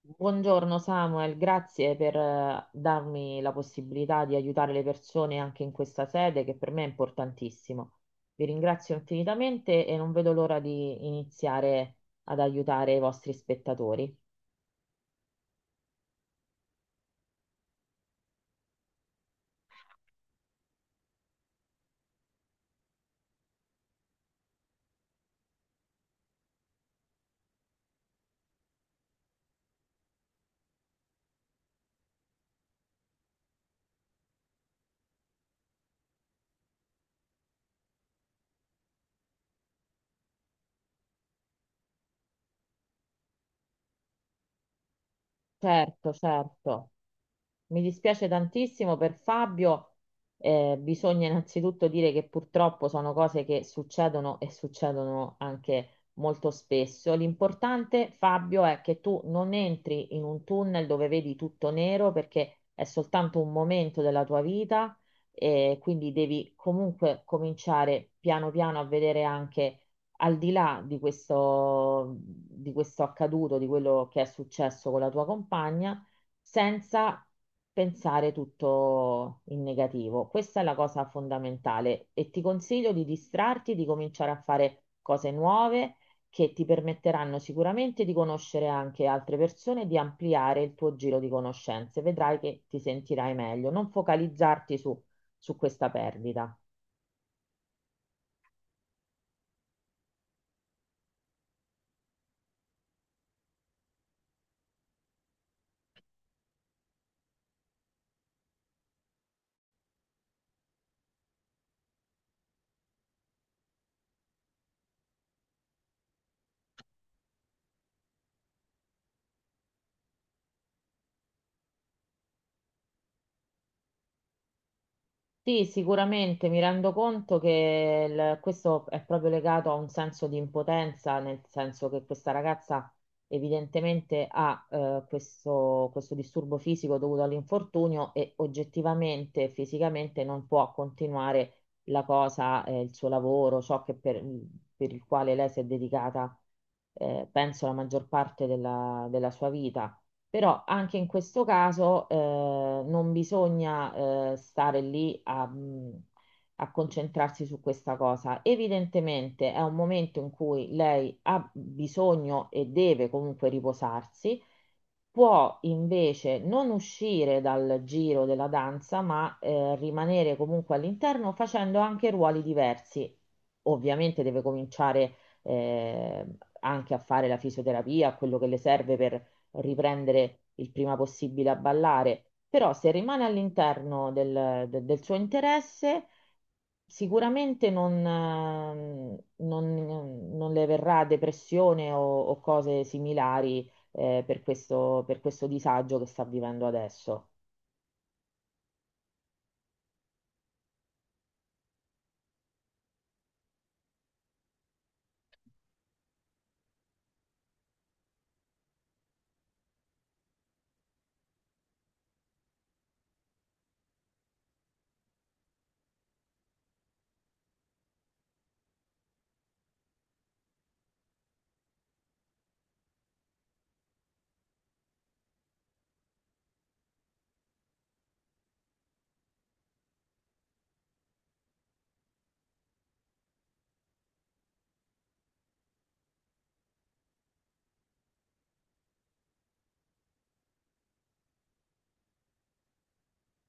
Buongiorno Samuel, grazie per darmi la possibilità di aiutare le persone anche in questa sede che per me è importantissimo. Vi ringrazio infinitamente e non vedo l'ora di iniziare ad aiutare i vostri spettatori. Certo, certo. Mi dispiace tantissimo per Fabio. Bisogna innanzitutto dire che purtroppo sono cose che succedono e succedono anche molto spesso. L'importante, Fabio, è che tu non entri in un tunnel dove vedi tutto nero perché è soltanto un momento della tua vita e quindi devi comunque cominciare piano piano a vedere anche al di là di questo accaduto, di quello che è successo con la tua compagna senza pensare tutto in negativo. Questa è la cosa fondamentale e ti consiglio di distrarti, di cominciare a fare cose nuove che ti permetteranno sicuramente di conoscere anche altre persone e di ampliare il tuo giro di conoscenze. Vedrai che ti sentirai meglio, non focalizzarti su questa perdita. Sì, sicuramente mi rendo conto che questo è proprio legato a un senso di impotenza, nel senso che questa ragazza evidentemente ha questo disturbo fisico dovuto all'infortunio e oggettivamente, fisicamente non può continuare la cosa, il suo lavoro, ciò che per il quale lei si è dedicata, penso, la maggior parte della sua vita. Però anche in questo caso non bisogna stare lì a, a concentrarsi su questa cosa. Evidentemente è un momento in cui lei ha bisogno e deve comunque riposarsi, può invece non uscire dal giro della danza, ma rimanere comunque all'interno facendo anche ruoli diversi. Ovviamente deve cominciare eh, anche a fare la fisioterapia, quello che le serve per riprendere il prima possibile a ballare, però se rimane all'interno del, del suo interesse. Sicuramente non le verrà depressione o cose similari per questo disagio che sta vivendo adesso.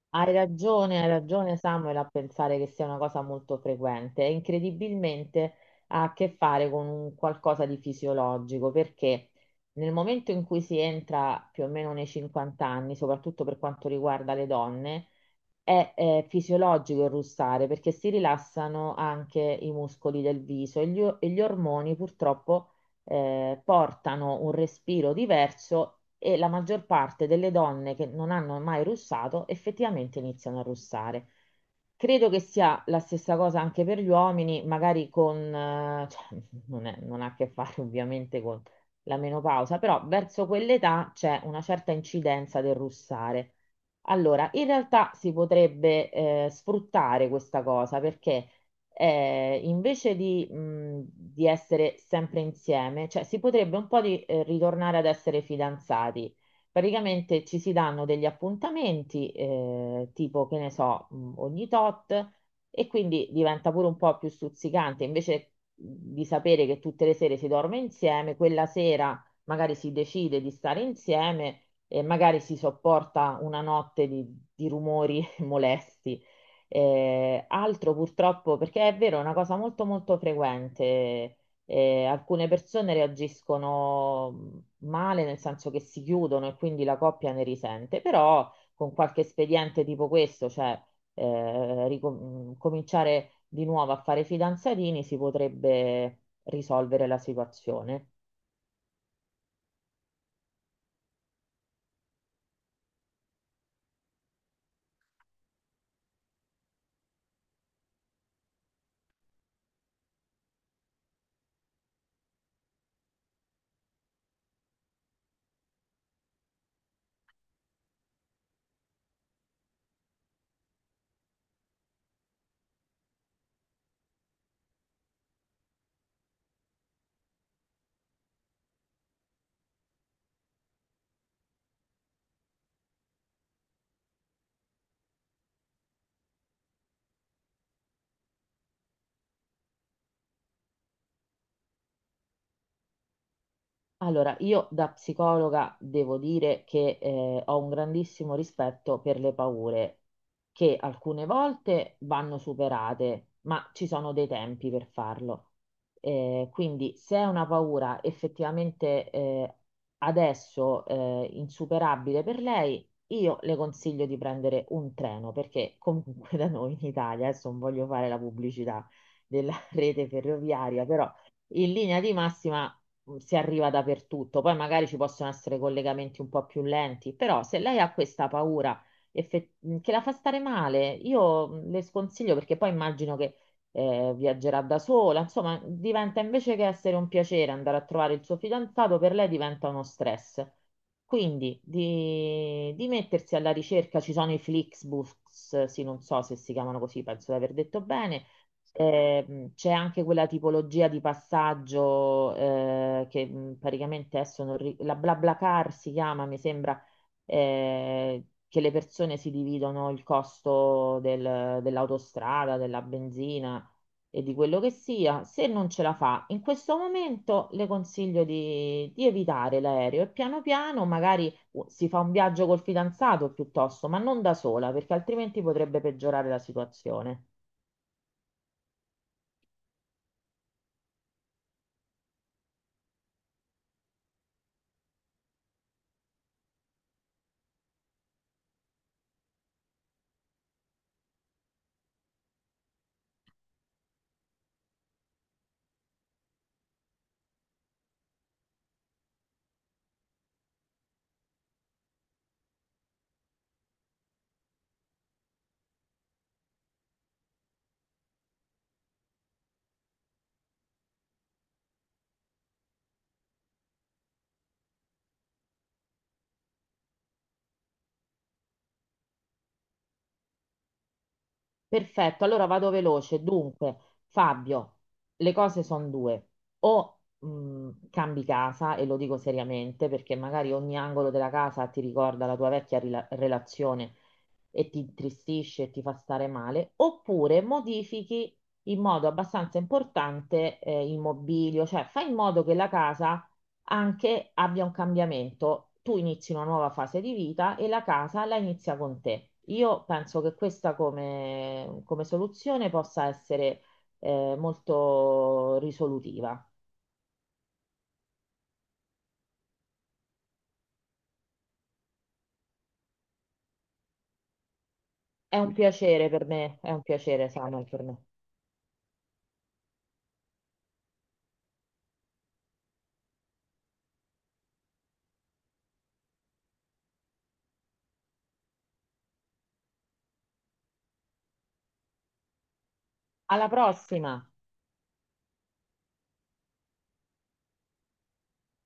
Hai ragione Samuel a pensare che sia una cosa molto frequente. E incredibilmente ha a che fare con un qualcosa di fisiologico, perché nel momento in cui si entra più o meno nei 50 anni, soprattutto per quanto riguarda le donne, fisiologico il russare perché si rilassano anche i muscoli del viso e e gli ormoni purtroppo portano un respiro diverso e la maggior parte delle donne che non hanno mai russato effettivamente iniziano a russare. Credo che sia la stessa cosa anche per gli uomini, magari cioè, non ha a che fare ovviamente con la menopausa, però verso quell'età c'è una certa incidenza del russare. Allora, in realtà si potrebbe sfruttare questa cosa perché invece di essere sempre insieme, cioè si potrebbe un po' ritornare ad essere fidanzati. Praticamente ci si danno degli appuntamenti, tipo che ne so, ogni tot, e quindi diventa pure un po' più stuzzicante. Invece di sapere che tutte le sere si dorme insieme, quella sera magari si decide di stare insieme e magari si sopporta una notte di rumori molesti. Altro purtroppo, perché è vero, è una cosa molto molto frequente. Eh, alcune persone reagiscono male, nel senso che si chiudono e quindi la coppia ne risente, però con qualche espediente tipo questo, cioè cominciare di nuovo a fare fidanzatini, si potrebbe risolvere la situazione. Allora, io da psicologa devo dire che ho un grandissimo rispetto per le paure, che alcune volte vanno superate, ma ci sono dei tempi per farlo. Quindi, se è una paura effettivamente adesso insuperabile per lei, io le consiglio di prendere un treno, perché comunque da noi in Italia, adesso non voglio fare la pubblicità della rete ferroviaria, però in linea di massima si arriva dappertutto. Poi magari ci possono essere collegamenti un po' più lenti, però se lei ha questa paura effe- che la fa stare male, io le sconsiglio perché poi immagino che viaggerà da sola, insomma, diventa invece che essere un piacere andare a trovare il suo fidanzato, per lei diventa uno stress. Quindi di mettersi alla ricerca, ci sono i Flixbus, sì, non so se si chiamano così, penso di aver detto bene. C'è anche quella tipologia di passaggio che praticamente adesso non ri- la BlaBlaCar si chiama, mi sembra, che le persone si dividono il costo dell'autostrada, della benzina e di quello che sia. Se non ce la fa, in questo momento le consiglio di evitare l'aereo e piano piano magari si fa un viaggio col fidanzato piuttosto, ma non da sola, perché altrimenti potrebbe peggiorare la situazione. Perfetto, allora vado veloce. Dunque, Fabio, le cose sono due. O cambi casa, e lo dico seriamente, perché magari ogni angolo della casa ti ricorda la tua vecchia relazione e ti intristisce e ti fa stare male, oppure modifichi in modo abbastanza importante il mobilio, cioè fai in modo che la casa anche abbia un cambiamento. Tu inizi una nuova fase di vita e la casa la inizia con te. Io penso che questa come soluzione possa essere molto risolutiva. È un piacere per me, è un piacere, Samuel, per me. Alla prossima!